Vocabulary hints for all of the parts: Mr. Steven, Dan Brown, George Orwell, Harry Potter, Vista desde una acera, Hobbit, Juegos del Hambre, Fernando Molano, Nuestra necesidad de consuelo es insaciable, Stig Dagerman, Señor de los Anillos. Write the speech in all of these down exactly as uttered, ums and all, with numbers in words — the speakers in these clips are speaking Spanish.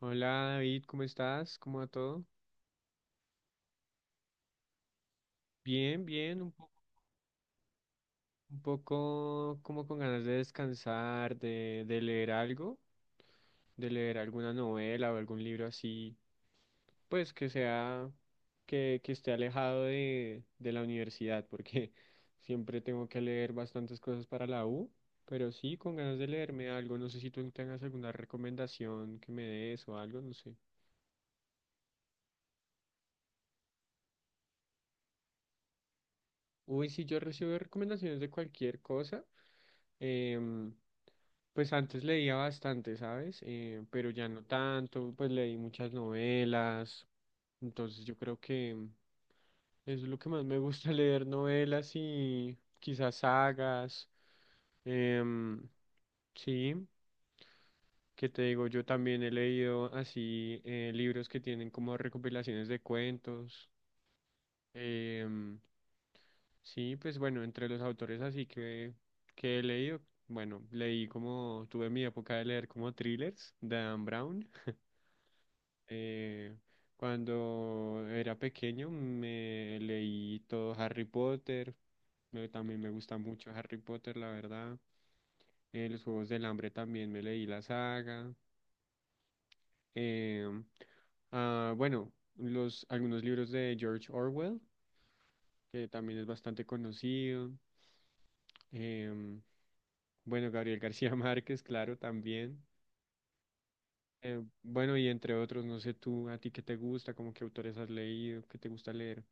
Hola David, ¿cómo estás? ¿Cómo va todo? Bien, bien, un po- un poco como con ganas de descansar, de, de leer algo, de leer alguna novela o algún libro así, pues que sea, que, que esté alejado de, de la universidad, porque siempre tengo que leer bastantes cosas para la U, pero sí, con ganas de leerme algo, no sé si tú tengas alguna recomendación que me des o algo, no sé. Uy, sí, yo recibo recomendaciones de cualquier cosa. Em, pues antes leía bastante, ¿sabes? Eh, pero ya no tanto, pues leí muchas novelas. Entonces yo creo que mm, eso es lo que más me gusta leer, novelas y quizás sagas. Em, sí, que te digo, yo también he leído así eh, libros que tienen como recopilaciones de cuentos. em, Sí, pues bueno, entre los autores así que, que he leído, bueno, leí como, tuve mi época de leer como thrillers de Dan Brown. Eh, Cuando era pequeño me leí todo Harry Potter, me- también me gusta mucho Harry Potter, la verdad. Eh, los Juegos del Hambre también me leí la saga. Eh, ah, bueno, los, algunos libros de George Orwell, que también es bastante conocido. Eh, Bueno, Gabriel García Márquez, claro, también. Eh, bueno, y entre otros, no sé tú, a ti qué te gusta, como qué autores has leído, qué te gusta leer.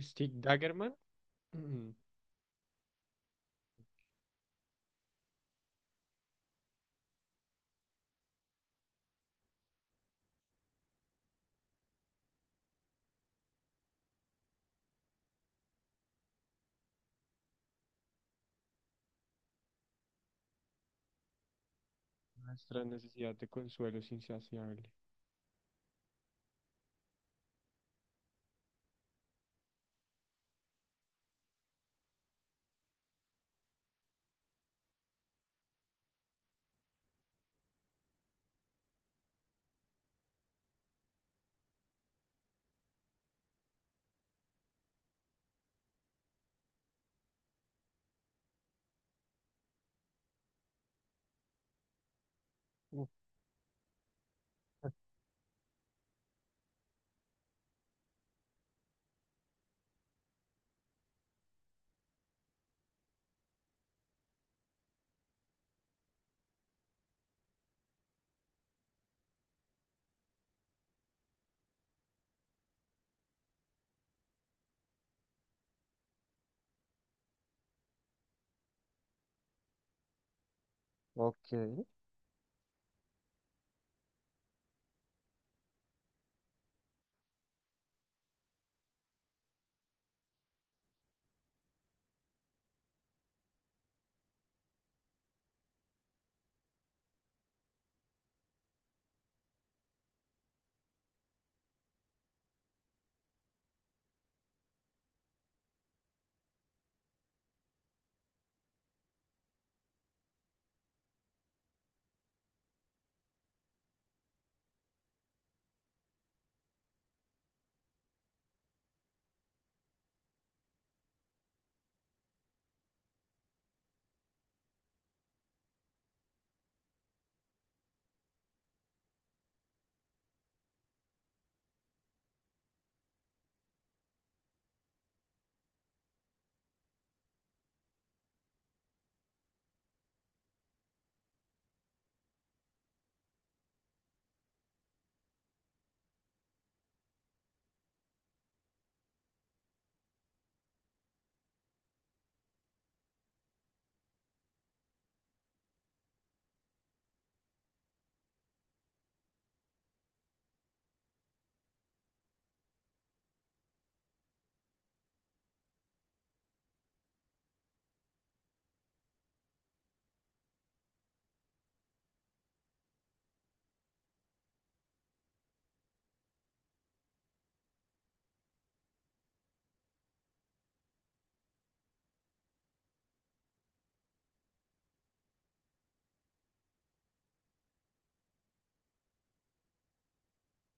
Stig Dagerman, mm, Nuestra necesidad de consuelo es insaciable. Mm. Ok.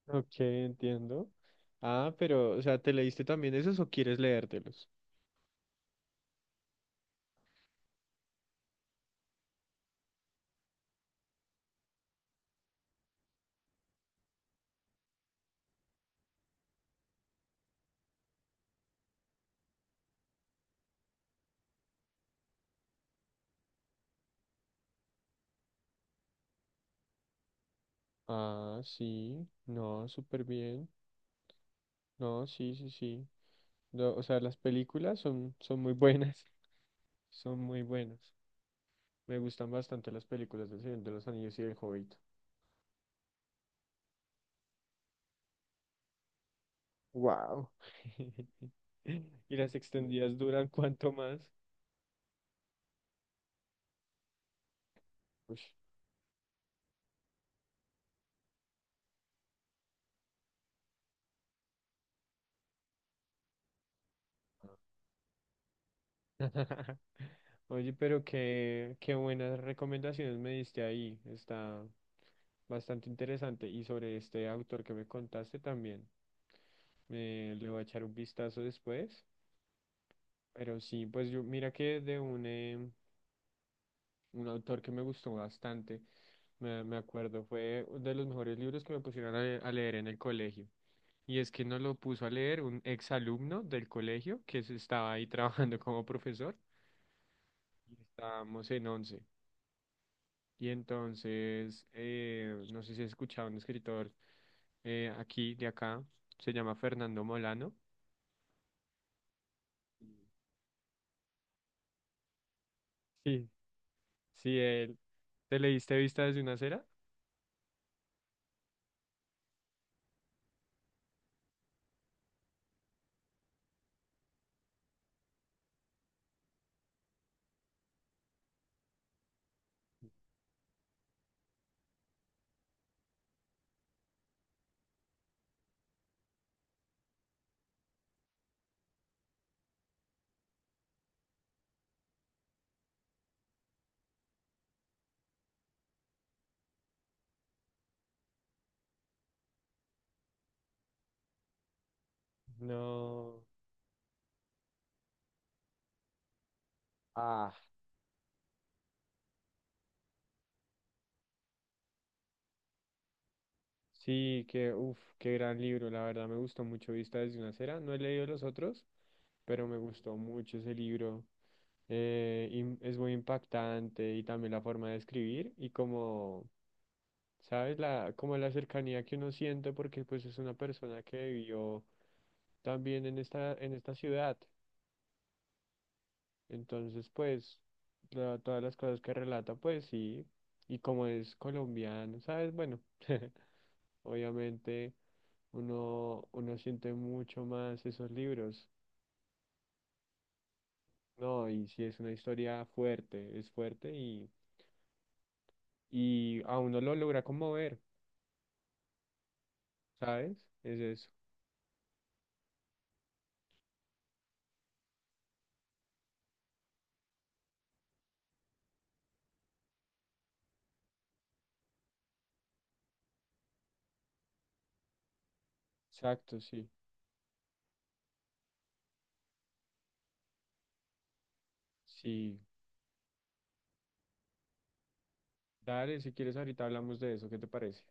Ok, entiendo. Ah, pero, o sea, ¿te leíste también esos o quieres leértelos? Ah, sí, no, súper bien. No, sí, sí, sí. No, o sea, las películas son, son muy buenas, son muy buenas. Me gustan bastante las películas del Señor de los Anillos y del Hobbit. Wow. Y las extendidas duran cuanto más. Ush. Oye, pero qué, qué buenas recomendaciones me diste ahí. Está bastante interesante. Y sobre este autor que me contaste también. Me, le voy a echar un vistazo después. Pero sí, pues yo, mira que de un, eh, un autor que me gustó bastante, me, me acuerdo, fue de los mejores libros que me pusieron a, le- a leer en el colegio. Y es que nos lo puso a leer un exalumno del colegio que se estaba ahí trabajando como profesor. Y estábamos en once. Y entonces, eh, no sé si has escuchado un escritor eh, aquí, de acá, se llama Fernando Molano. Sí, sí, él. ¿Te leíste Vista desde una acera? No. Ah, sí, que, uff, qué gran libro, la verdad me gustó mucho Vista desde una acera. No he leído los otros, pero me gustó mucho ese libro. Eh, y es muy impactante y también la forma de escribir y como, ¿sabes? La, como la cercanía que uno siente porque pues es una persona que vivió también en esta, en esta ciudad. Entonces, pues, la- todas las cosas que relata, pues sí, y como es colombiano, ¿sabes? Bueno, obviamente. Uno, uno siente mucho más esos libros, ¿no? Y si es una historia fuerte, es fuerte y, y a uno lo logra conmover, ¿sabes? Es eso. Exacto, sí. Sí. Dale, si quieres ahorita hablamos de eso, ¿qué te parece?